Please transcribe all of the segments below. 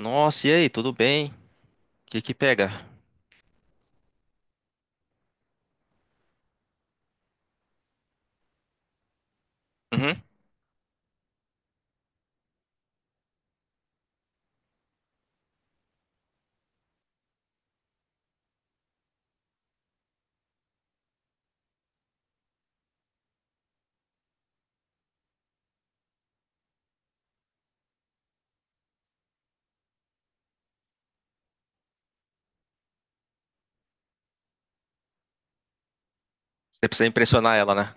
Nossa, e aí, tudo bem? O que que pega? Uhum. Você precisa impressionar ela, né?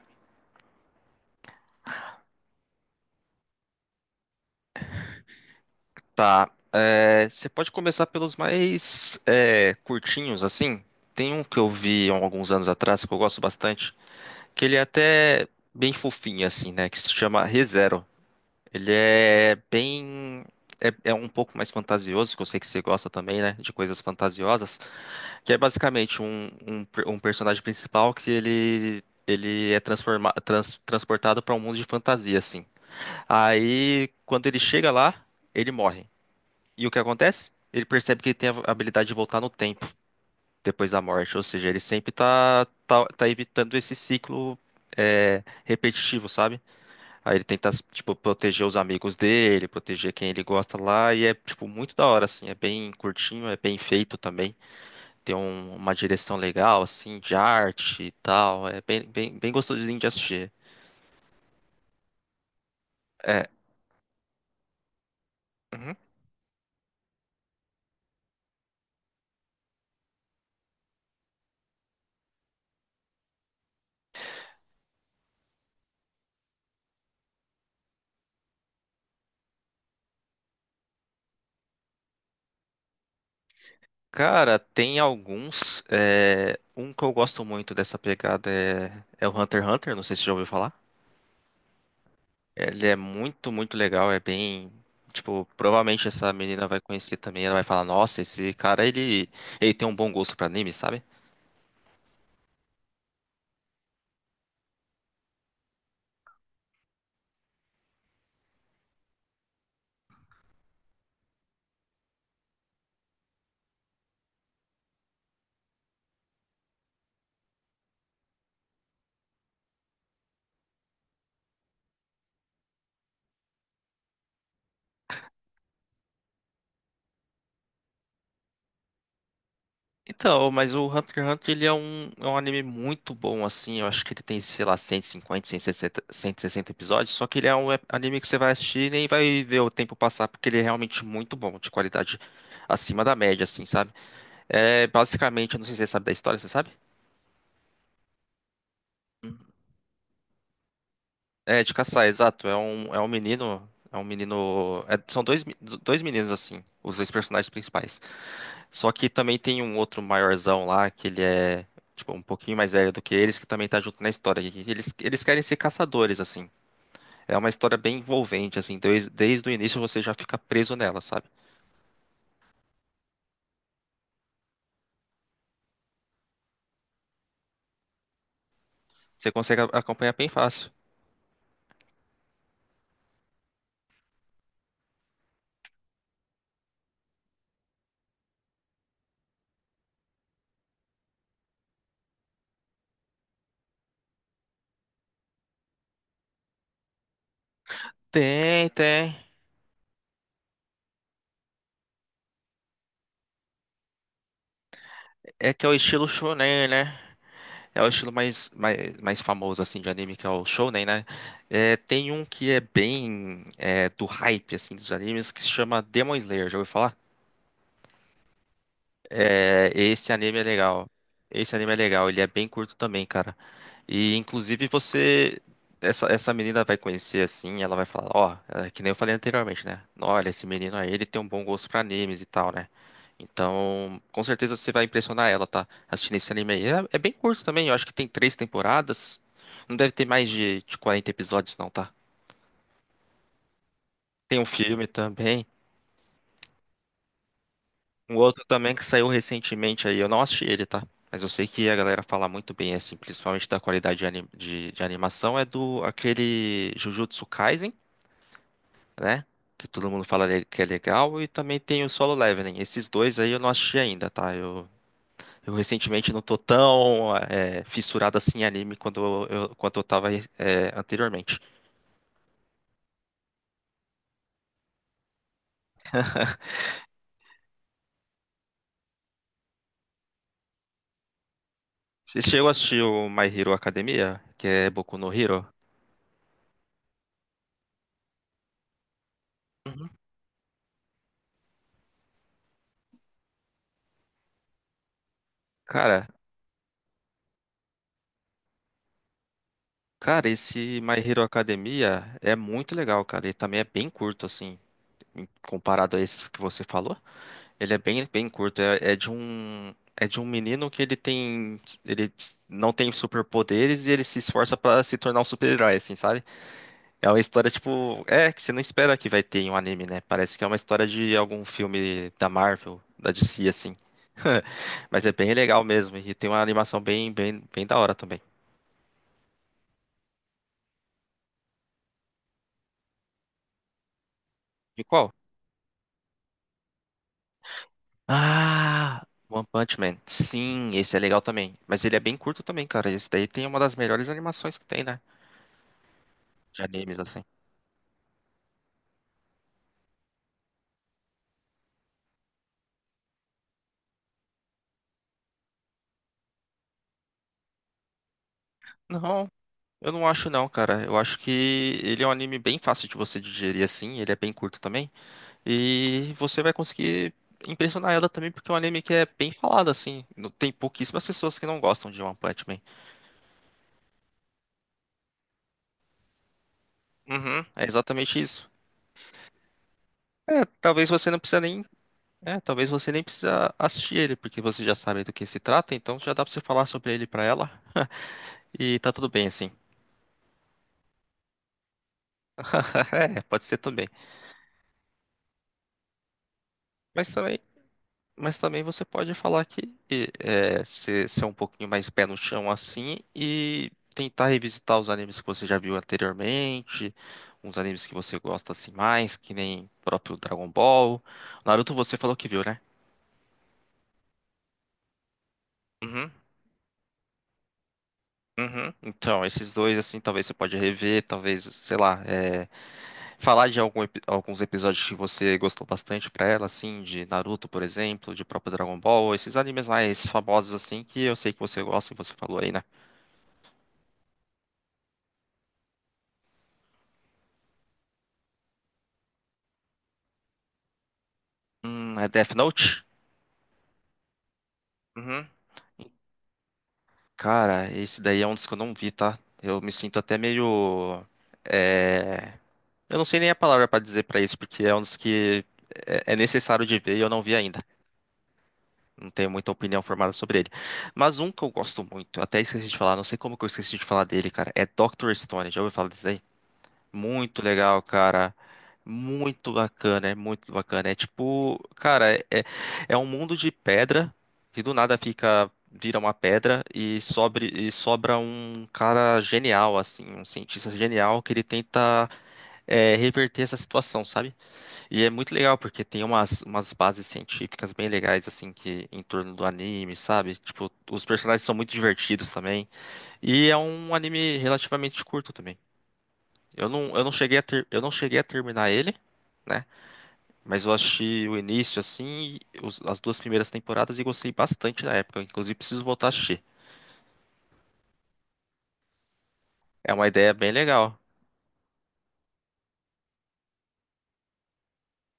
Tá. Você pode começar pelos mais curtinhos, assim. Tem um que eu vi há alguns anos atrás, que eu gosto bastante, que ele é até bem fofinho, assim, né? Que se chama ReZero. Ele é bem. É um pouco mais fantasioso, que eu sei que você gosta também, né? De coisas fantasiosas. Que é basicamente um personagem principal que ele transportado para um mundo de fantasia, assim. Aí, quando ele chega lá, ele morre. E o que acontece? Ele percebe que ele tem a habilidade de voltar no tempo depois da morte. Ou seja, ele sempre tá evitando esse ciclo repetitivo, sabe? Aí ele tenta, tipo, proteger os amigos dele, proteger quem ele gosta lá. E é, tipo, muito da hora, assim. É bem curtinho, é bem feito também. Tem uma direção legal, assim, de arte e tal. É bem, bem, bem gostosinho de assistir. É. Uhum. Cara, tem alguns. Um que eu gosto muito dessa pegada é o Hunter x Hunter, não sei se você já ouviu falar. Ele é muito, muito legal, é bem. Tipo, provavelmente essa menina vai conhecer também, ela vai falar, nossa, esse cara, ele tem um bom gosto pra anime, sabe? Então, mas o Hunter x Hunter ele é um anime muito bom, assim. Eu acho que ele tem, sei lá, cento e cinquenta, 160, 160 episódios. Só que ele é um anime que você vai assistir e nem vai ver o tempo passar, porque ele é realmente muito bom, de qualidade acima da média, assim, sabe? É basicamente, eu não sei se você sabe da história, você sabe? É de caçar, exato. É um menino. É um menino. São dois meninos, assim, os dois personagens principais. Só que também tem um outro maiorzão lá, que ele é, tipo, um pouquinho mais velho do que eles, que também tá junto na história. E eles querem ser caçadores, assim. É uma história bem envolvente, assim. Desde o início você já fica preso nela, sabe? Você consegue acompanhar bem fácil. Tem, tem. É que é o estilo shonen, né? É o estilo mais, mais, mais famoso, assim, de anime, que é o shonen, né? É, tem um que é bem do hype, assim, dos animes, que se chama Demon Slayer. Já ouviu falar? É, esse anime é legal. Esse anime é legal, ele é bem curto também, cara. E inclusive você. Essa menina vai conhecer assim, ela vai falar, ó, que nem eu falei anteriormente, né? Olha, esse menino aí, ele tem um bom gosto pra animes e tal, né? Então, com certeza você vai impressionar ela, tá? Assistindo esse anime aí. É bem curto também, eu acho que tem três temporadas. Não deve ter mais de 40 episódios, não, tá? Tem um filme também. Um outro também que saiu recentemente aí, eu não assisti ele, tá? Mas eu sei que a galera fala muito bem, assim, principalmente da qualidade de animação, do aquele Jujutsu Kaisen, né? Que todo mundo fala que é legal, e também tem o Solo Leveling. Esses dois aí eu não assisti ainda, tá? Eu recentemente não tô tão fissurado assim em anime quanto eu tava anteriormente. Você chegou a assistir o My Hero Academia, que é Boku no Hero? Uhum. Cara, Cara, esse My Hero Academia é muito legal, cara. Ele também é bem curto, assim, comparado a esses que você falou. Ele é bem, bem curto. É de um menino que ele não tem superpoderes e ele se esforça pra se tornar um super-herói, assim, sabe? É uma história tipo, é que você não espera que vai ter em um anime, né? Parece que é uma história de algum filme da Marvel, da DC, assim. Mas é bem legal mesmo e tem uma animação bem, bem, bem da hora também. E qual? Ah, One Punch Man. Sim, esse é legal também. Mas ele é bem curto também, cara. Esse daí tem uma das melhores animações que tem, né? De animes, assim. Não, eu não acho não, cara. Eu acho que ele é um anime bem fácil de você digerir, assim. Ele é bem curto também. E você vai conseguir impressionar ela também, porque é um anime que é bem falado, assim. Tem pouquíssimas pessoas que não gostam de One Punch Man. Uhum, é exatamente isso. É, talvez você não precisa nem É, talvez você nem precisa assistir ele, porque você já sabe do que se trata, então já dá pra você falar sobre ele pra ela e tá tudo bem assim. É, pode ser também. Mas também, mas também, você pode falar que ser um pouquinho mais pé no chão assim e tentar revisitar os animes que você já viu anteriormente, uns animes que você gosta assim mais, que nem próprio Dragon Ball. Naruto você falou que viu, né? Uhum. Uhum. Então, esses dois, assim, talvez você pode rever, talvez, sei lá, falar de algum alguns episódios que você gostou bastante pra ela, assim, de Naruto, por exemplo, de próprio Dragon Ball, esses animes mais famosos, assim, que eu sei que você gosta e você falou aí, né? É Death Note? Uhum. Cara, esse daí é um dos que eu não vi, tá? Eu me sinto até meio. É... Eu não sei nem a palavra pra dizer pra isso, porque é um dos que é necessário de ver e eu não vi ainda. Não tenho muita opinião formada sobre ele. Mas um que eu gosto muito, até esqueci de falar, não sei como que eu esqueci de falar dele, cara, é Dr. Stone. Já ouviu falar disso aí? Muito legal, cara. Muito bacana. É tipo, cara, é um mundo de pedra que do nada fica, vira uma pedra e sobra um cara genial, assim, um cientista genial que ele tenta reverter essa situação, sabe? E é muito legal, porque tem umas bases científicas bem legais, assim, que em torno do anime, sabe? Tipo, os personagens são muito divertidos também. E é um anime relativamente curto também. Eu não cheguei a terminar ele, né? Mas eu achei o início, assim, as duas primeiras temporadas e gostei bastante na época. Inclusive, preciso voltar a assistir. É uma ideia bem legal.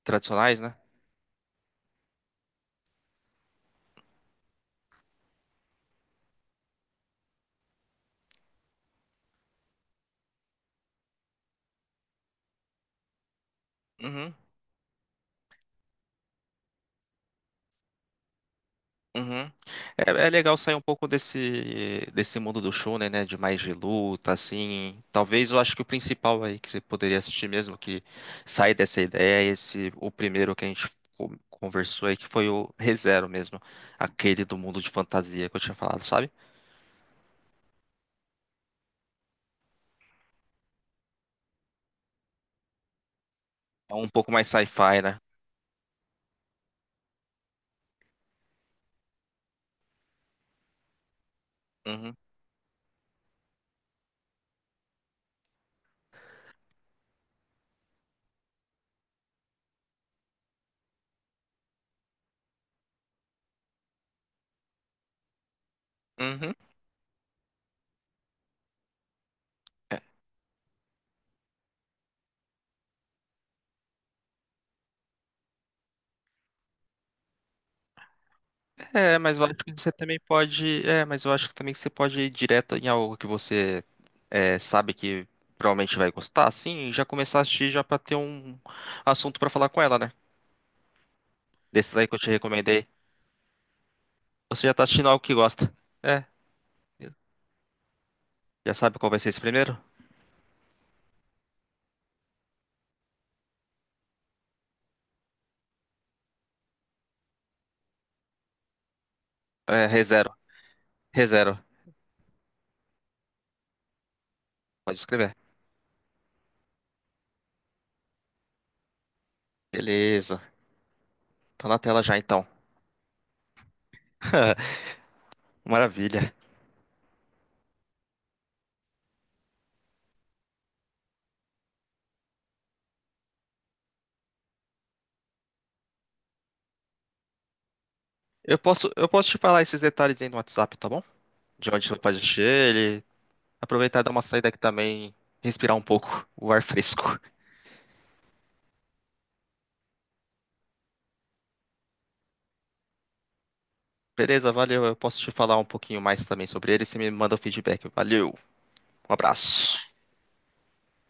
Tradicionais, né? Uhum. Uhum. É legal sair um pouco desse mundo do shonen, né? De mais de luta, assim. Talvez eu acho que o principal aí que você poderia assistir mesmo, que sai dessa ideia, é esse o primeiro que a gente conversou aí, que foi o Re:Zero mesmo. Aquele do mundo de fantasia que eu tinha falado, sabe? É um pouco mais sci-fi, né? Uhum. Uhum. É, mas eu acho que você também pode. É, mas eu acho que também que você pode ir direto em algo que você sabe que provavelmente vai gostar, assim, e já começar a assistir já pra ter um assunto pra falar com ela, né? Desses aí que eu te recomendei. Você já tá assistindo algo que gosta. É. Já sabe qual vai ser esse primeiro? É, ReZero. ReZero. Pode escrever. Beleza. Tá na tela já então. Maravilha. Eu posso te falar esses detalhes aí no WhatsApp, tá bom? De onde você pode assistir ele. Aproveitar e dar uma saída aqui também, respirar um pouco o ar fresco. Beleza, valeu. Eu posso te falar um pouquinho mais também sobre ele. Você me manda o feedback. Valeu, um abraço.